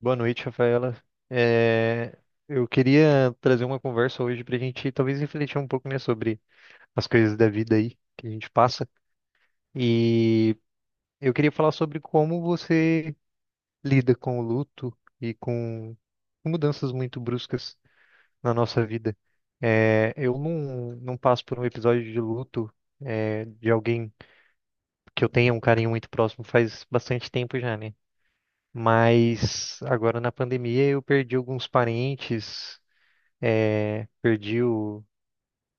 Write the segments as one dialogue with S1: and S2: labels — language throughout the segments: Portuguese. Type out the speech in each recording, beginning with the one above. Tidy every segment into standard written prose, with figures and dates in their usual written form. S1: Boa noite, Rafaela. É, eu queria trazer uma conversa hoje para a gente talvez refletir um pouco, né, sobre as coisas da vida aí que a gente passa. E eu queria falar sobre como você lida com o luto e com mudanças muito bruscas na nossa vida. É, eu não passo por um episódio de luto, é, de alguém que eu tenha um carinho muito próximo faz bastante tempo já, né? Mas agora na pandemia eu perdi alguns parentes, perdi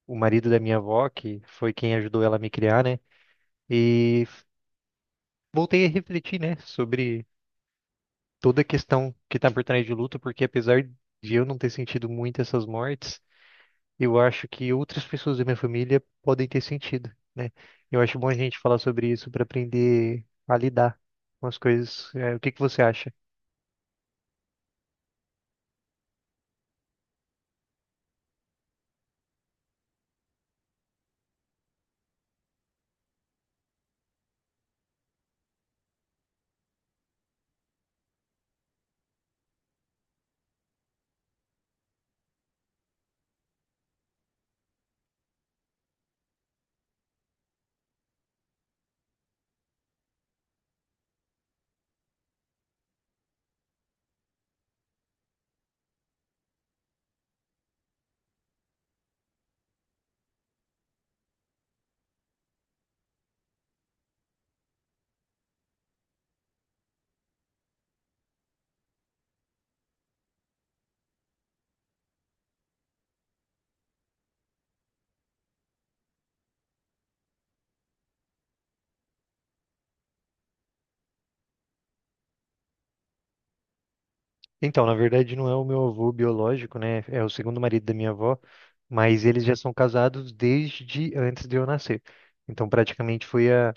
S1: o marido da minha avó, que foi quem ajudou ela a me criar, né? E voltei a refletir, né, sobre toda a questão que está por trás de luto, porque apesar de eu não ter sentido muito essas mortes, eu acho que outras pessoas da minha família podem ter sentido, né? Eu acho bom a gente falar sobre isso para aprender a lidar com as coisas. O que que você acha? Então, na verdade, não é o meu avô biológico, né? É o segundo marido da minha avó, mas eles já são casados desde antes de eu nascer. Então, praticamente foi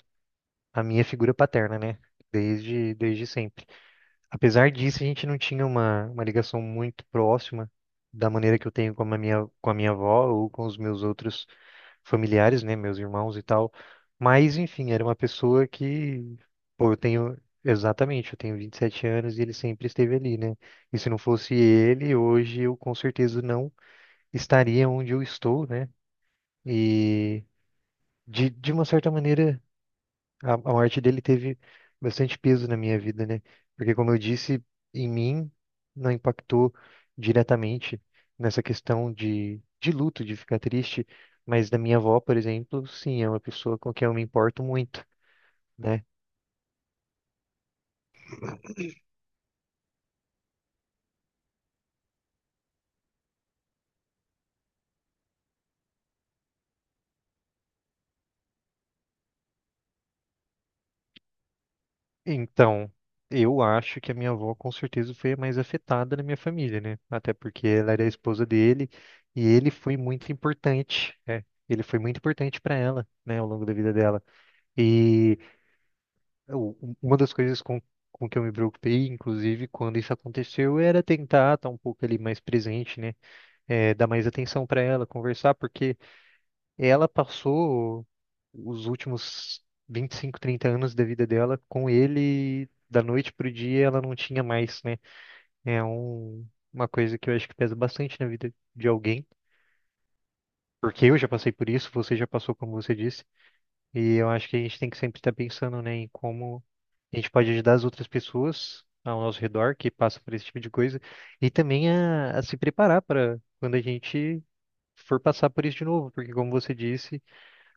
S1: a minha figura paterna, né? Desde sempre. Apesar disso, a gente não tinha uma ligação muito próxima da maneira que eu tenho com a com a minha avó ou com os meus outros familiares, né, meus irmãos e tal. Mas, enfim, era uma pessoa que, pô, exatamente, eu tenho 27 anos e ele sempre esteve ali, né? E se não fosse ele, hoje eu com certeza não estaria onde eu estou, né? E, de uma certa maneira, a morte dele teve bastante peso na minha vida, né? Porque, como eu disse, em mim não impactou diretamente nessa questão de luto, de ficar triste, mas da minha avó, por exemplo, sim, é uma pessoa com quem eu me importo muito, né? Então, eu acho que a minha avó com certeza foi a mais afetada na minha família, né? Até porque ela era a esposa dele e ele foi muito importante, né? Ele foi muito importante para ela, né, ao longo da vida dela. E eu- uma das coisas com que eu me preocupei, inclusive, quando isso aconteceu, era tentar estar um pouco ali mais presente, né? É, dar mais atenção para ela, conversar, porque ela passou os últimos 25, 30 anos da vida dela com ele, da noite pro dia, ela não tinha mais, né? É um, uma coisa que eu acho que pesa bastante na vida de alguém. Porque eu já passei por isso, você já passou, como você disse, e eu acho que a gente tem que sempre estar pensando, né, em como a gente pode ajudar as outras pessoas ao nosso redor que passam por esse tipo de coisa e também a se preparar para quando a gente for passar por isso de novo, porque como você disse,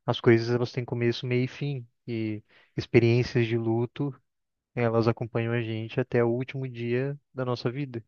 S1: as coisas elas têm começo, meio e fim, e experiências de luto, elas acompanham a gente até o último dia da nossa vida.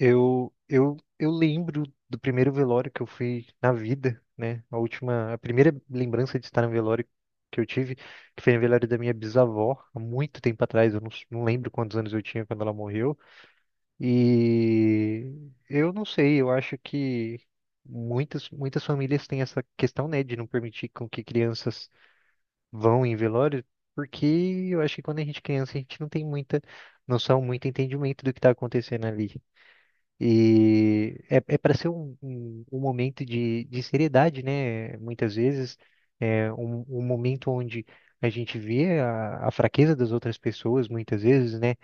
S1: Eu lembro do primeiro velório que eu fui na vida, né? A primeira lembrança de estar no velório que eu tive, que foi no velório da minha bisavó, há muito tempo atrás, eu não, s- não lembro quantos anos eu tinha quando ela morreu. E eu não sei, eu acho que muitas famílias têm essa questão, né, de não permitir com que crianças vão em velório, porque eu acho que quando a gente é criança, a gente não tem muita noção, muito entendimento do que está acontecendo ali. E é para ser um momento de seriedade, né? Muitas vezes, é um momento onde a gente vê a fraqueza das outras pessoas, muitas vezes, né?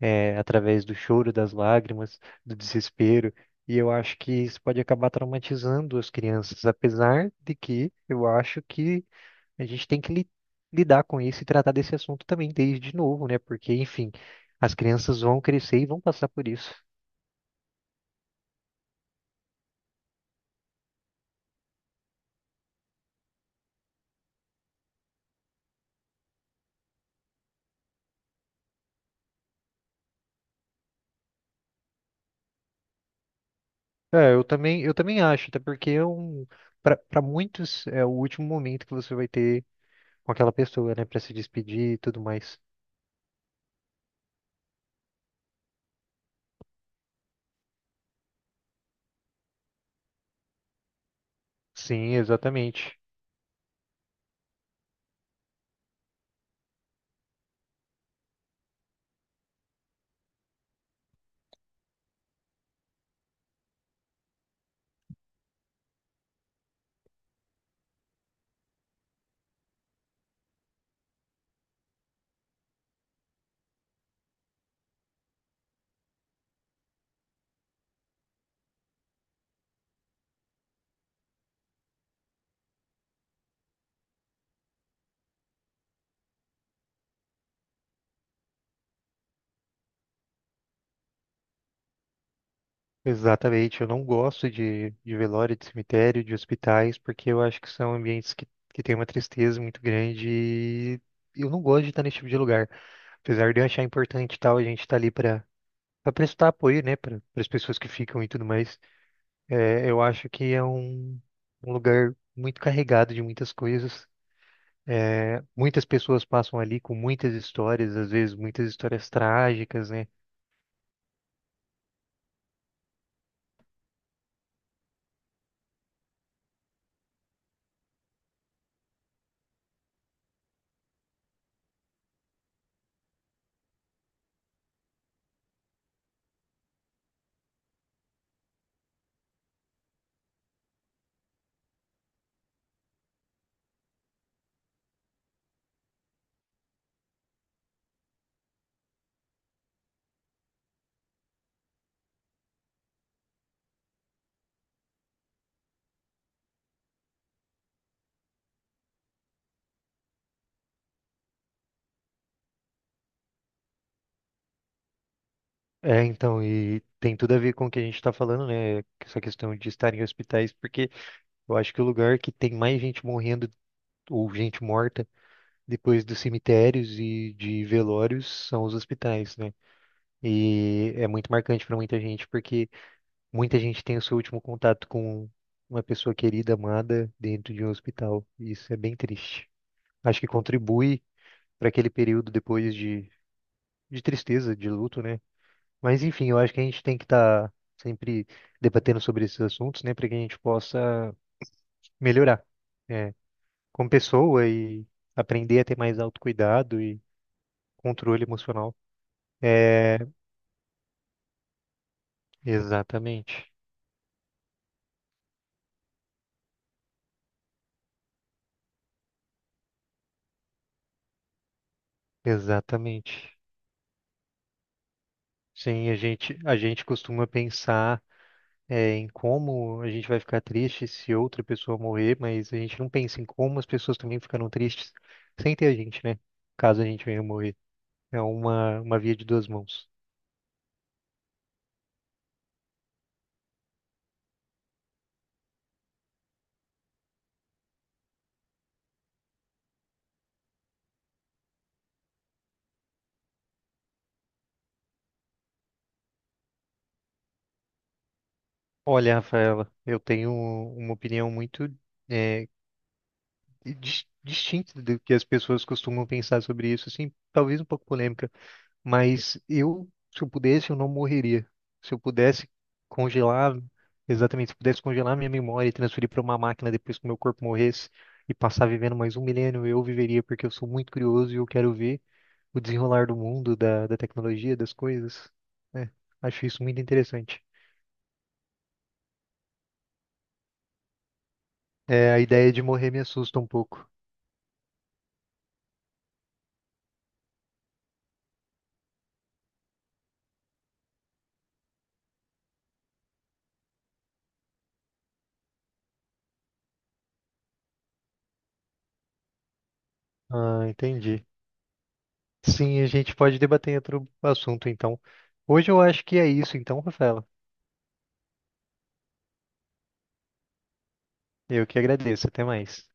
S1: É, através do choro, das lágrimas, do desespero. E eu acho que isso pode acabar traumatizando as crianças, apesar de que eu acho que a gente tem que lidar com isso e tratar desse assunto também desde novo, né? Porque, enfim, as crianças vão crescer e vão passar por isso. É, eu também acho, até porque é um, para muitos é o último momento que você vai ter com aquela pessoa, né, para se despedir e tudo mais. Sim, exatamente. Exatamente. Eu não gosto de velório, de cemitério, de hospitais, porque eu acho que são ambientes que têm uma tristeza muito grande e eu não gosto de estar nesse tipo de lugar. Apesar de eu achar importante e tal, a gente tá ali para prestar apoio, né, para as pessoas que ficam e tudo mais. É, eu acho que é um lugar muito carregado de muitas coisas. É, muitas pessoas passam ali com muitas histórias, às vezes muitas histórias trágicas, né? É, então, e tem tudo a ver com o que a gente está falando, né? Essa questão de estar em hospitais, porque eu acho que o lugar que tem mais gente morrendo ou gente morta depois dos cemitérios e de velórios são os hospitais, né? E é muito marcante para muita gente, porque muita gente tem o seu último contato com uma pessoa querida, amada, dentro de um hospital. E isso é bem triste. Acho que contribui para aquele período depois de tristeza, de luto, né? Mas enfim, eu acho que a gente tem que estar sempre debatendo sobre esses assuntos, né? Para que a gente possa melhorar, né? Como pessoa e aprender a ter mais autocuidado e controle emocional. É, exatamente, exatamente. Sim, a gente costuma pensar é, em como a gente vai ficar triste se outra pessoa morrer, mas a gente não pensa em como as pessoas também ficaram tristes sem ter a gente, né? Caso a gente venha morrer. É uma via de duas mãos. Olha, Rafaela, eu tenho uma opinião muito é, distinta do que as pessoas costumam pensar sobre isso, assim, talvez um pouco polêmica. Mas eu, se eu pudesse, eu não morreria. Se eu pudesse congelar, exatamente, se eu pudesse congelar minha memória e transferir para uma máquina depois que o meu corpo morresse e passar vivendo mais um milênio, eu viveria, porque eu sou muito curioso e eu quero ver o desenrolar do mundo, da tecnologia, das coisas. Né? Acho isso muito interessante. É, a ideia de morrer me assusta um pouco. Ah, entendi. Sim, a gente pode debater outro assunto, então. Hoje eu acho que é isso, então, Rafaela. Eu que agradeço. Até mais.